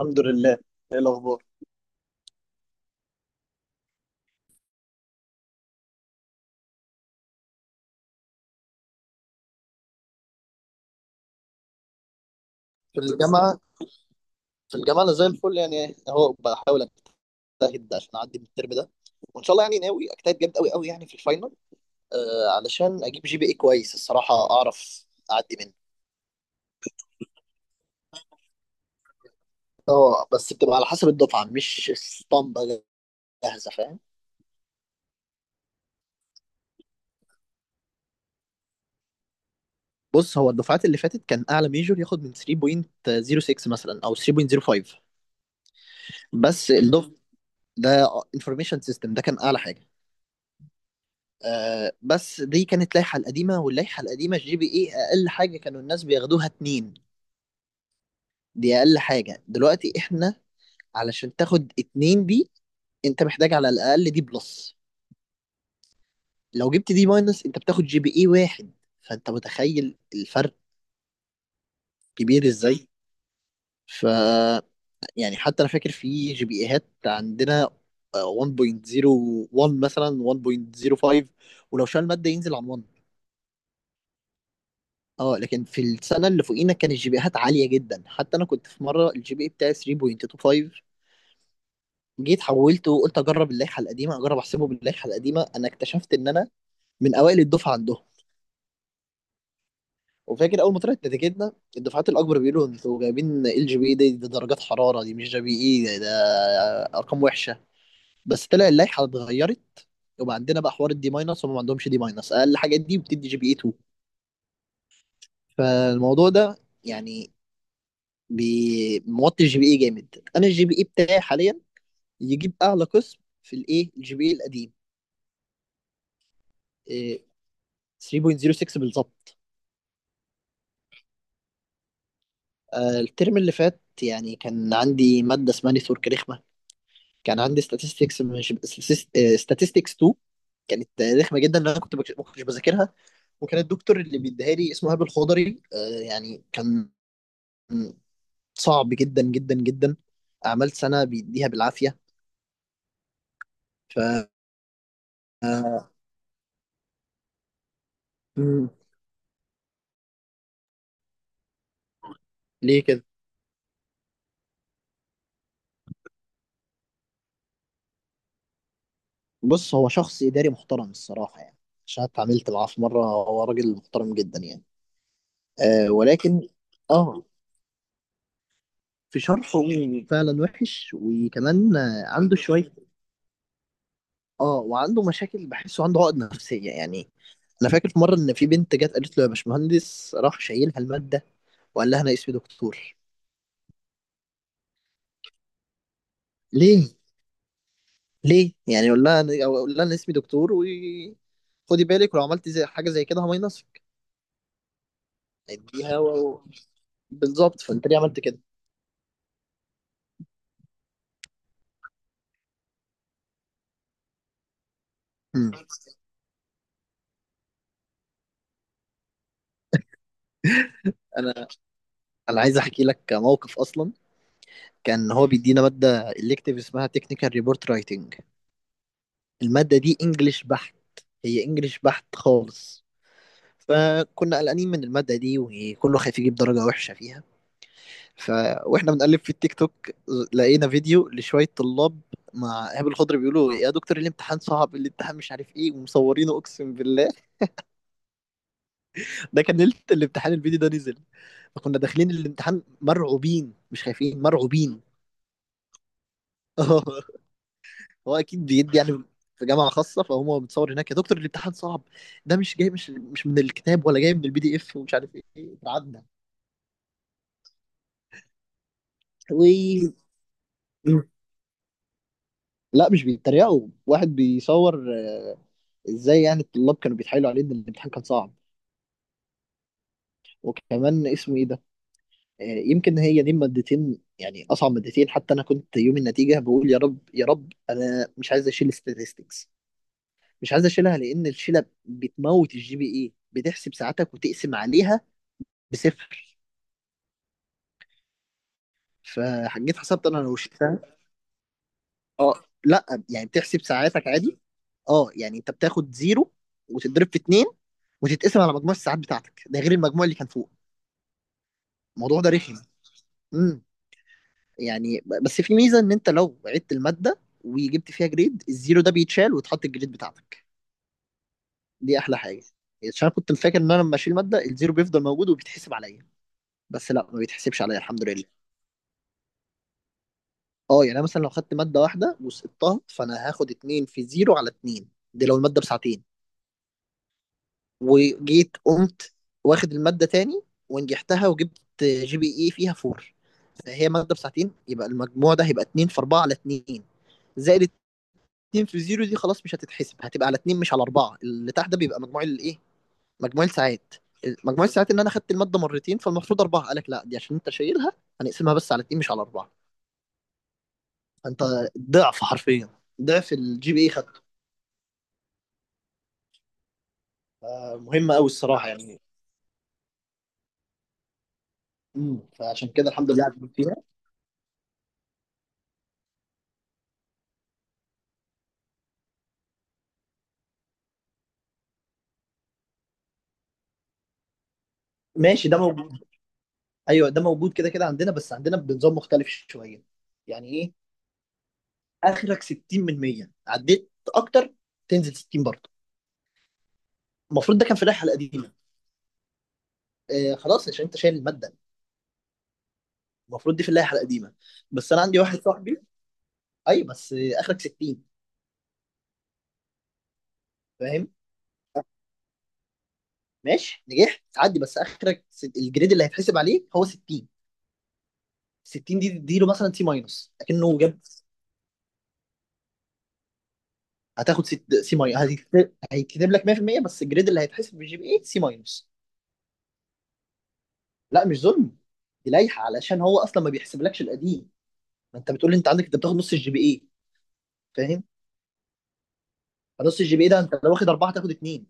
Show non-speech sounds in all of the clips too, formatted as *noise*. الحمد لله. ايه الاخبار؟ في الجامعة. في الجامعة أنا زي الفل، يعني أهو بحاول أجتهد عشان أعدي من الترم ده، وإن شاء الله يعني ناوي أجتهد جامد أوي أوي يعني في الفاينل. آه، علشان أجيب جي بي إيه كويس الصراحة، أعرف أعدي منه. أه بس بتبقى على حسب الدفعة، مش اسطمبة جاهزة، فاهم. بص، هو الدفعات اللي فاتت كان أعلى ميجور ياخد من 3.06 مثلا أو 3.05. بس الدفعة ده انفورميشن سيستم ده كان أعلى حاجة. آه بس دي كانت لائحة القديمة، واللائحة القديمة الجي بي اي أقل حاجة كانوا الناس بياخدوها اتنين. دي أقل حاجة دلوقتي. احنا علشان تاخد اتنين دي انت محتاج على الأقل دي بلس. لو جبت دي ماينس انت بتاخد جي بي اي واحد. فانت متخيل الفرق كبير ازاي. ف يعني حتى انا فاكر في جي بي ايهات عندنا 1.01 مثلا 1.05. ولو شال مادة ينزل عن 1. اه لكن في السنه اللي فوقينا كان الجي بيهات عاليه جدا. حتى انا كنت في مره الجي بي بتاعي 3.25، جيت حولته وقلت اجرب اللائحه القديمه، اجرب احسبه باللائحه القديمه. انا اكتشفت ان انا من اوائل الدفعه عندهم. وفاكر اول ما طلعت نتيجتنا الدفعات الاكبر بيقولوا انتوا جايبين ال جي بي اي دي، دي درجات حراره دي مش جي بي اي ده، ده ارقام وحشه. بس طلع اللائحه اتغيرت. وبقى عندنا بقى حوار الدي ماينس، وما عندهمش دي ماينس. اقل حاجه دي بتدي جي بي اي 2. فالموضوع ده يعني موطي الجي بي اي جامد. انا الجي بي اي بتاعي حاليا يجيب اعلى قسم في الايه، الجي بي اي القديم. إيه، 3.06 بالظبط. الترم اللي فات يعني كان عندي ماده اسمها نتورك رخمه. كان عندي statistics، مش statistics 2. كانت رخمه جدا، لان انا ما كنتش بذاكرها. وكان الدكتور اللي بيديها لي اسمه هاب الخضري، يعني كان صعب جدا جدا جدا. عملت سنه بيديها بالعافيه. ف آه، مم، ليه كده؟ بص هو شخص إداري محترم الصراحة يعني. عشان اتعاملت معاه في مرة، هو راجل محترم جدا يعني. آه ولكن اه، في شرحه فعلا وحش، وكمان آه عنده شوية. اه وعنده مشاكل، بحسه عنده عقد نفسية يعني. أنا فاكر في مرة إن في بنت جت قالت له يا باشمهندس، راح شايلها المادة، وقال لها أنا اسمي دكتور. ليه؟ ليه؟ يعني يقول لها أنا أو أقول لها أنا اسمي دكتور، و خدي بالك ولو عملت زي حاجة زي كده همينصك. اديها و... بالظبط. فأنت ليه عملت كده؟ مم. انا انا عايز احكي لك موقف اصلا. كان هو بيدينا ماده الكتيف اسمها تكنيكال ريبورت رايتنج. الماده دي انجلش بحت، هي انجلش بحت خالص. فكنا قلقانين من الماده دي، وكله خايف يجيب درجه وحشه فيها. ف واحنا بنقلب في التيك توك، لقينا فيديو لشويه طلاب مع ايهاب الخضر، بيقولوا يا دكتور الامتحان صعب الامتحان مش عارف ايه، ومصورينه اقسم بالله. ده كان ليله الامتحان الفيديو ده نزل. فكنا داخلين الامتحان مرعوبين، مش خايفين مرعوبين. *laughs* هو اكيد بيدي يعني في جامعه خاصه، فهو متصور هناك يا دكتور الامتحان صعب، ده مش جاي مش من الكتاب ولا جاي من البي دي اف ومش عارف ايه. اتعدى. و لا مش بيتريقوا. واحد بيصور. ازاي يعني؟ الطلاب كانوا بيتحايلوا عليه ان الامتحان كان صعب. وكمان اسمه ايه ده، يمكن هي دي مادتين، يعني اصعب مادتين. حتى انا كنت يوم النتيجه بقول يا رب يا رب انا مش عايز اشيل statistics. مش عايز اشيلها لان الشيله بتموت الجي بي اي، بتحسب ساعتك وتقسم عليها بصفر. فجيت حسبت انا لو شلتها. اه. لا يعني بتحسب ساعاتك عادي. اه يعني انت بتاخد زيرو وتتضرب في اتنين وتتقسم على مجموع الساعات بتاعتك، ده غير المجموع اللي كان فوق. الموضوع ده رخم. امم يعني بس في ميزه ان انت لو عدت الماده وجبت فيها جريد، الزيرو ده بيتشال وتحط الجريد بتاعتك. دي احلى حاجه. عشان أنا كنت فاكر ان انا لما اشيل ماده الزيرو بيفضل موجود وبيتحسب عليا، بس لا ما بيتحسبش عليا الحمد لله. اه يعني انا مثلا لو خدت ماده واحده وسقطتها، فانا هاخد اتنين في زيرو على اتنين، دي لو الماده بساعتين. وجيت قمت واخد المادة تاني ونجحتها وجبت جي بي اي فيها فور، فهي مادة بساعتين، يبقى المجموع ده هيبقى اتنين في أربعة على اتنين، زائد اتنين في زيرو، دي خلاص مش هتتحسب. هتبقى على اتنين مش على أربعة. اللي تحت ده بيبقى مجموع الإيه، مجموع الساعات. مجموع الساعات إن أنا خدت المادة مرتين فالمفروض أربعة. قالك لا دي عشان أنت شايلها هنقسمها بس على اتنين مش على أربعة. فأنت ضعف حرفيا، ضعف الجي بي اي خدته. مهمة أوي الصراحة يعني. مم. فعشان كده الحمد لله عديت فيها. ماشي ده موجود. ايوه ده موجود كده كده عندنا، بس عندنا بنظام مختلف شويه. يعني ايه؟ اخرك 60 من 100، عديت اكتر تنزل 60 برضه. المفروض ده كان في اللائحه القديمه. آه خلاص، عشان انت شايل الماده. المفروض دي في اللائحه القديمه. بس انا عندي واحد صاحبي، اي بس آه اخرك 60. فاهم. ماشي نجحت تعدي، بس اخرك الجريد اللي هيتحسب عليه هو 60. 60 دي تديله مثلا سي ماينس اكنه جاب. سي ماينس. هيتكتب لك 100% بس الجريد اللي هيتحسب بالجي بي اي سي ماينس. لا مش ظلم. دي لايحه علشان هو اصلا ما بيحسبلكش القديم. ما انت بتقول لي انت عندك انت بتاخد نص الجي بي اي، فاهم. فنص الجي بي اي ده انت لو واخد اربعه تاخد اثنين.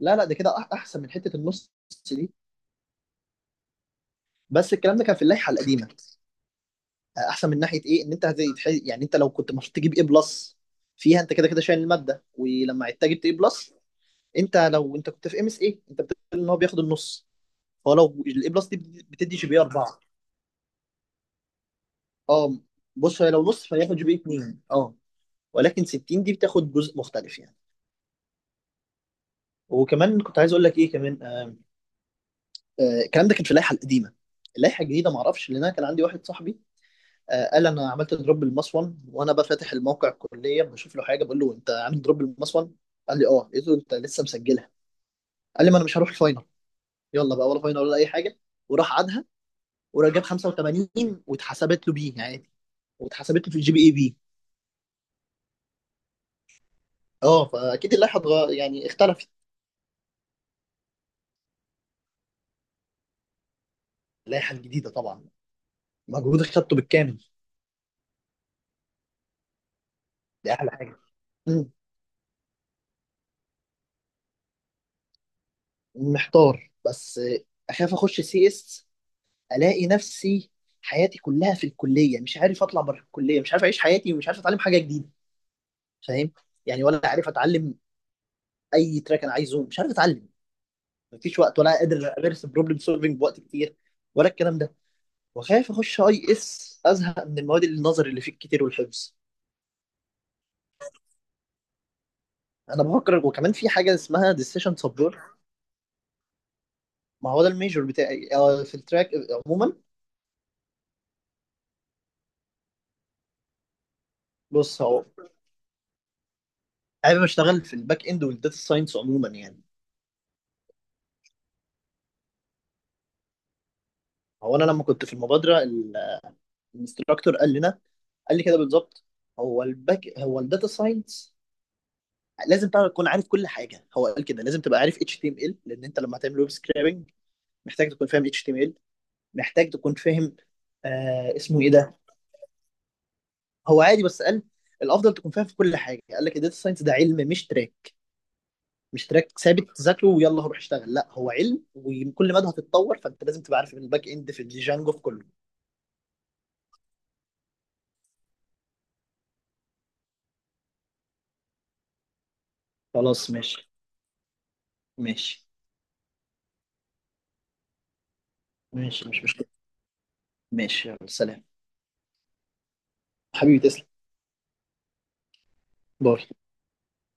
لا لا ده كده احسن من حته النص دي. بس الكلام ده كان في اللائحه القديمه. احسن من ناحيه ايه، ان انت يعني انت لو كنت المفروض تجيب ايه بلس فيها، انت كده كده شايل الماده ولما عدت جبت ايه بلس. انت لو انت كنت في ام اس ايه انت بتقول ان هو بياخد النص. هو لو الاي بلس دي بتدي جي بي 4، اه. بص هي لو نص فهياخد جي بي 2، اه. ولكن 60 دي بتاخد جزء مختلف يعني. وكمان كنت عايز اقول لك ايه كمان، الكلام ده كان في اللائحه القديمه. اللائحه الجديده ما اعرفش، لان انا كان عندي واحد صاحبي، قال انا عملت دروب بالمصفن. وانا بقى فاتح الموقع الكليه بشوف له حاجه، بقول له انت عامل دروب بالمصفن. قال لي اه. قلت له انت لسه مسجلها؟ قال لي ما انا مش هروح الفاينل. يلا بقى، ولا فاينل ولا اي حاجه. وراح عادها، وراح جاب 85 واتحسبت له بيه عادي، واتحسبت له في الجي بي اي بي. اه فاكيد اللائحه يعني اختلفت. اللائحه الجديده طبعا، مجهود خدته بالكامل. دي احلى حاجه. محتار بس، اخاف اخش سي اس الاقي نفسي حياتي كلها في الكليه، مش عارف اطلع بره الكليه، مش عارف اعيش حياتي، ومش عارف اتعلم حاجه جديده. فاهم. يعني ولا عارف اتعلم اي تراك انا عايزه، مش عارف اتعلم. مفيش وقت، ولا قادر امارس بروبلم سولفنج بوقت كتير، ولا الكلام ده. وخايف اخش اي اس ازهق من المواد النظري اللي فيه كتير والحفظ. انا بفكر، وكمان في حاجه اسمها ديسيشن سبورت. ما هو ده الميجور بتاعي، في التراك عموما. بص هو حابب اشتغل في الباك اند والداتا ساينس عموما يعني. هو انا لما كنت في المبادره، الانستراكتور قال لنا، قال لي كده بالظبط، هو الباك هو الداتا ساينس، لازم بقى تكون عارف كل حاجه. هو قال كده لازم تبقى عارف اتش تي ام ال لان انت لما هتعمل ويب سكرابنج محتاج تكون فاهم اتش تي ام ال، محتاج تكون فاهم. آه اسمه ايه ده، هو عادي بس قال الافضل تكون فاهم في كل حاجه. قال لك الداتا ساينس ده علم مش تراك. مش تراك ثابت تذاكره ويلا روح اشتغل، لا هو علم وكل مدى هتتطور. فانت لازم تبقى عارف الباك اند في الجانجو في كله. خلاص ماشي. ماشي. ماشي مش مشكله. ماشي يلا سلام. حبيبي تسلم. باي.